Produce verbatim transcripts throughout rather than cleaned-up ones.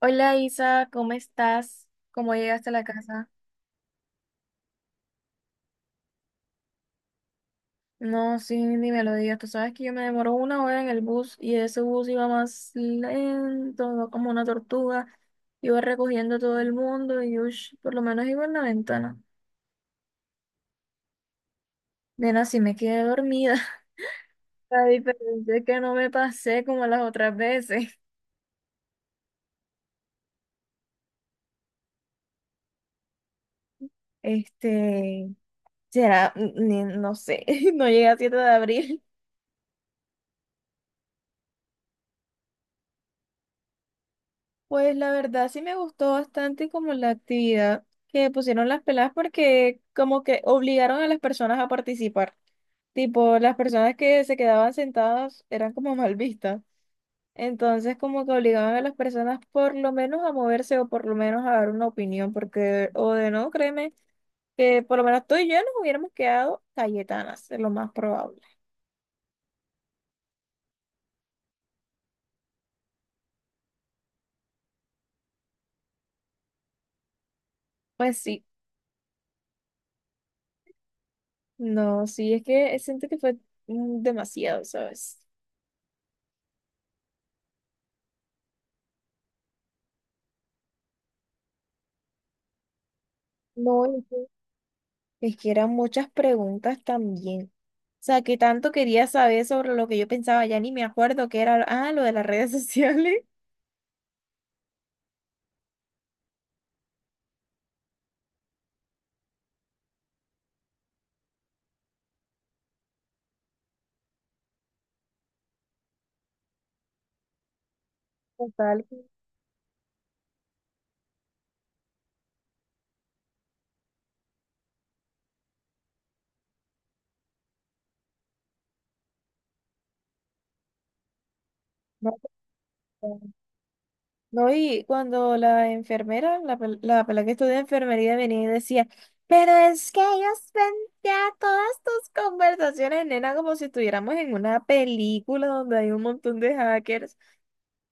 Hola Isa, ¿cómo estás? ¿Cómo llegaste a la casa? No, sí, ni me lo digas. Tú sabes que yo me demoró una hora en el bus y ese bus iba más lento, iba como una tortuga. Iba recogiendo a todo el mundo y ush, por lo menos iba en la ventana. Nena, sí me quedé dormida. La diferencia es que no me pasé como las otras veces. Este, será, ni- No sé, no llegué a siete de abril. Pues la verdad sí me gustó bastante como la actividad que pusieron las peladas porque como que obligaron a las personas a participar. Tipo, las personas que se quedaban sentadas eran como mal vistas. Entonces como que obligaban a las personas por lo menos a moverse o por lo menos a dar una opinión porque o de no, créeme que por lo menos tú y yo nos hubiéramos quedado cayetanas, es lo más probable. Pues sí, no, sí, es que siento que fue mm, demasiado, ¿sabes? No, es que eran muchas preguntas también. O sea, que tanto quería saber sobre lo que yo pensaba, ya ni me acuerdo qué era, ah, lo de las redes sociales. Total. Que no, total. No, y cuando la enfermera, la, pel- la pela que estudia enfermería venía y decía, pero es que ellos ven ya todas tus conversaciones, nena, como si estuviéramos en una película donde hay un montón de hackers.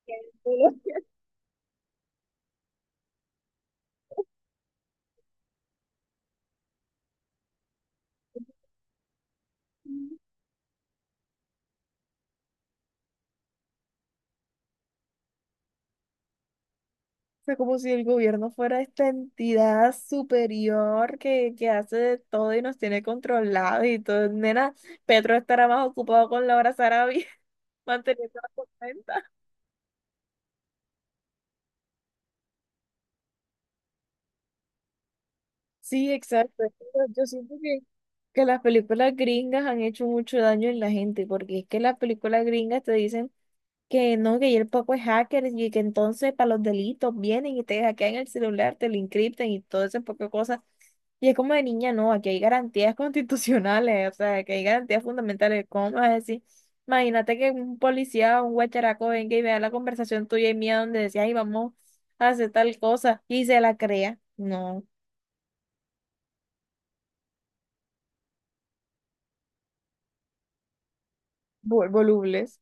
Qué culo. Sea, como si el gobierno fuera esta entidad superior que, que hace de todo y nos tiene controlados y todo. Nena, Petro estará más ocupado con Laura Sarabia manteniendo la cuenta. Sí, exacto. Es que Yo yo siento que, que las películas gringas han hecho mucho daño en la gente, porque es que las películas gringas te dicen que no, que y el poco es hacker y que entonces para los delitos vienen y te hackean el celular, te lo encriptan y todo ese poco de cosas. Y es como de niña, no, aquí hay garantías constitucionales, o sea, que hay garantías fundamentales. ¿Cómo me vas a decir? Imagínate que un policía o un guacharaco venga y vea la conversación tuya y mía donde decía, ay, vamos a hacer tal cosa y se la crea. No, Vol- volubles.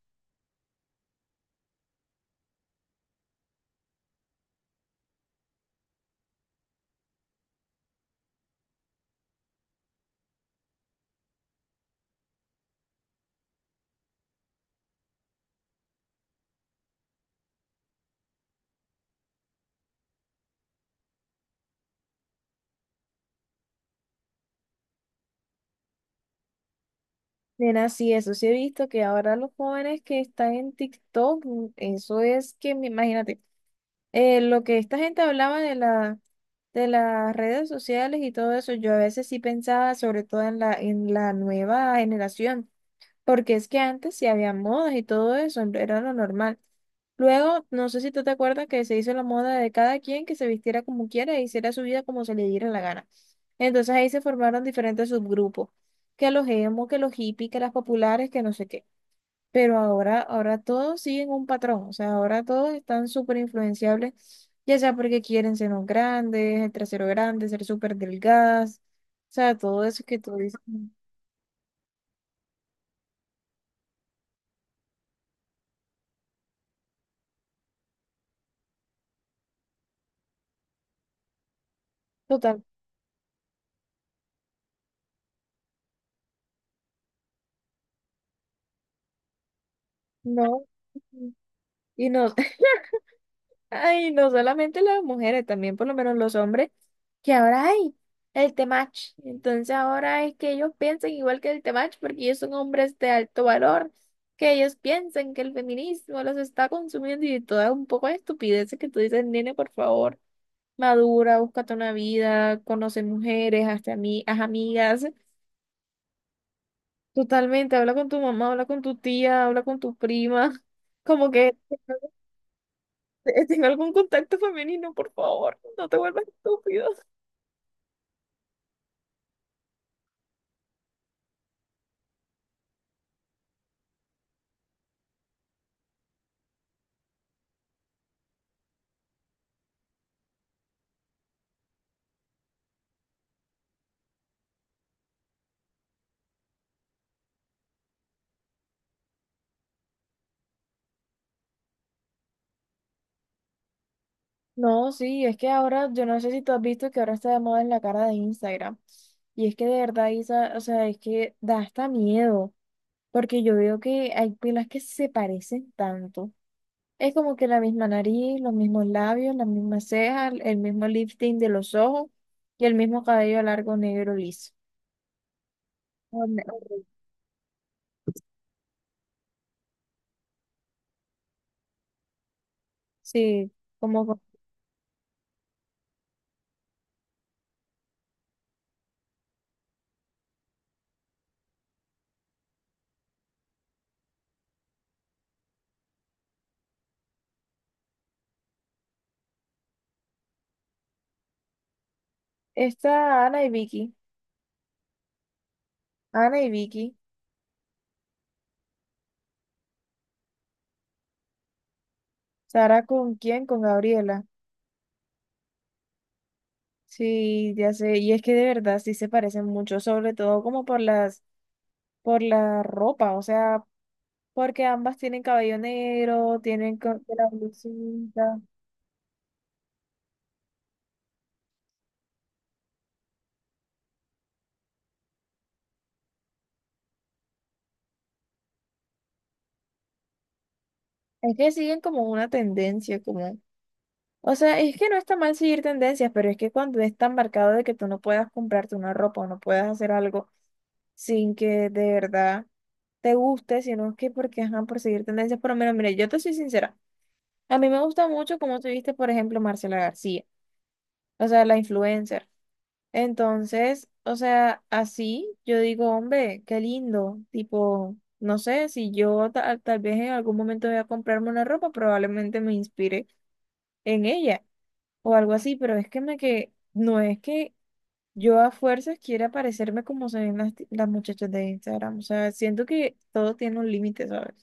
Nena, sí, eso sí he visto que ahora los jóvenes que están en TikTok, mm, eso es que, me- imagínate. eh, lo que esta gente hablaba de la, de las redes sociales y todo eso, yo a veces sí pensaba, sobre todo en la, en la nueva generación, porque es que antes sí había modas y todo eso, era lo normal. Luego, no sé si tú te acuerdas que se hizo la moda de cada quien que se vistiera como quiera e hiciera su vida como se le diera la gana. Entonces ahí se formaron diferentes subgrupos, que los emo, que los hippies, que las populares, que no sé qué. Pero ahora, ahora todos siguen un patrón, o sea, ahora todos están súper influenciables, ya sea porque quieren senos grandes, el trasero grande, ser súper delgadas, o sea, todo eso que tú dices, total, no. Y no, ay, no solamente las mujeres, también por lo menos los hombres, que ahora hay el temach. Entonces ahora es que ellos piensan igual que el temach porque ellos son hombres de alto valor, que ellos piensan que el feminismo los está consumiendo y toda un poco de estupideces que tú dices, nene, por favor, madura, búscate una vida, conoce mujeres, hazte ami- haz amigas, totalmente, habla con tu mamá, habla con tu tía, habla con tu prima. Como que eh, tenga algún contacto femenino, por favor, no te vuelvas estúpido. No, sí, es que ahora, yo no sé si tú has visto que ahora está de moda en la cara de Instagram. Y es que de verdad, Isa, o sea, es que da hasta miedo, porque yo veo que hay pilas que se parecen tanto. Es como que la misma nariz, los mismos labios, las mismas cejas, el mismo lifting de los ojos y el mismo cabello largo negro liso. Horrible. Sí, como con- esta Ana y Vicky, Ana y Vicky, ¿Sara con quién? Con Gabriela. Sí, ya sé, y es que de verdad sí se parecen mucho, sobre todo como por las, por la ropa, o sea, porque ambas tienen cabello negro, tienen co- de la blusita. Es que siguen como una tendencia, como, o sea, es que no está mal seguir tendencias, pero es que cuando es tan marcado de que tú no puedas comprarte una ropa o no puedas hacer algo sin que de verdad te guste, sino que porque, ajá, por seguir tendencias, por lo menos, mira, yo te soy sincera, a mí me gusta mucho como tú viste, por ejemplo, Marcela García, o sea, la influencer. Entonces, o sea, así yo digo, hombre, qué lindo. Tipo, no sé, si yo ta- tal vez en algún momento voy a comprarme una ropa, probablemente me inspire en ella o algo así, pero es que me que no es que yo a fuerzas quiera parecerme como se ven las, ti- las muchachas de Instagram. O sea, siento que todo tiene un límite, ¿sabes?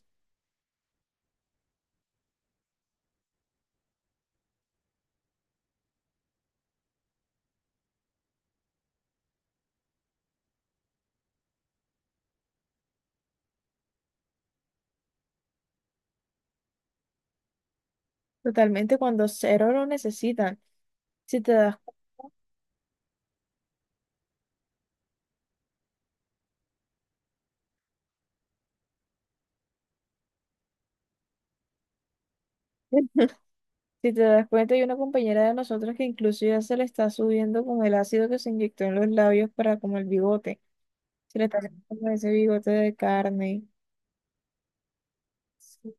Totalmente cuando cero lo necesitan. Si te das cuenta. Si te das cuenta, hay una compañera de nosotros que incluso ya se le está subiendo con el ácido que se inyectó en los labios para como el bigote. Se le está haciendo como ese bigote de carne. Sí.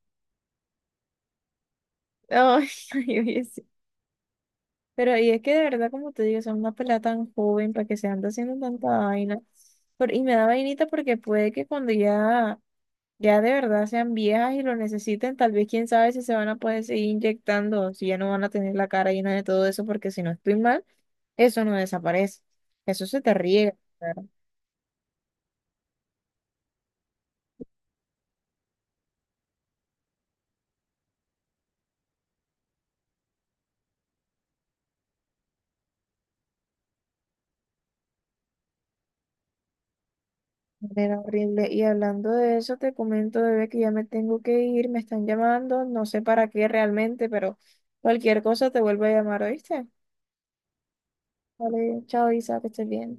Ay, ay, oye, sí. Pero ahí es que de verdad, como te digo, son una pelada tan joven para que se ande haciendo tanta vaina. Por- y me da vainita porque puede que cuando ya, ya de verdad sean viejas y lo necesiten, tal vez quién sabe si se van a poder seguir inyectando, si ya no van a tener la cara llena de todo eso, porque si no estoy mal. Eso no desaparece. Eso se te riega. Claro. Era horrible. Y hablando de eso, te comento, bebé, que ya me tengo que ir. Me están llamando. No sé para qué realmente, pero cualquier cosa te vuelvo a llamar, ¿oíste? Vale, chao, Isa, que estés bien.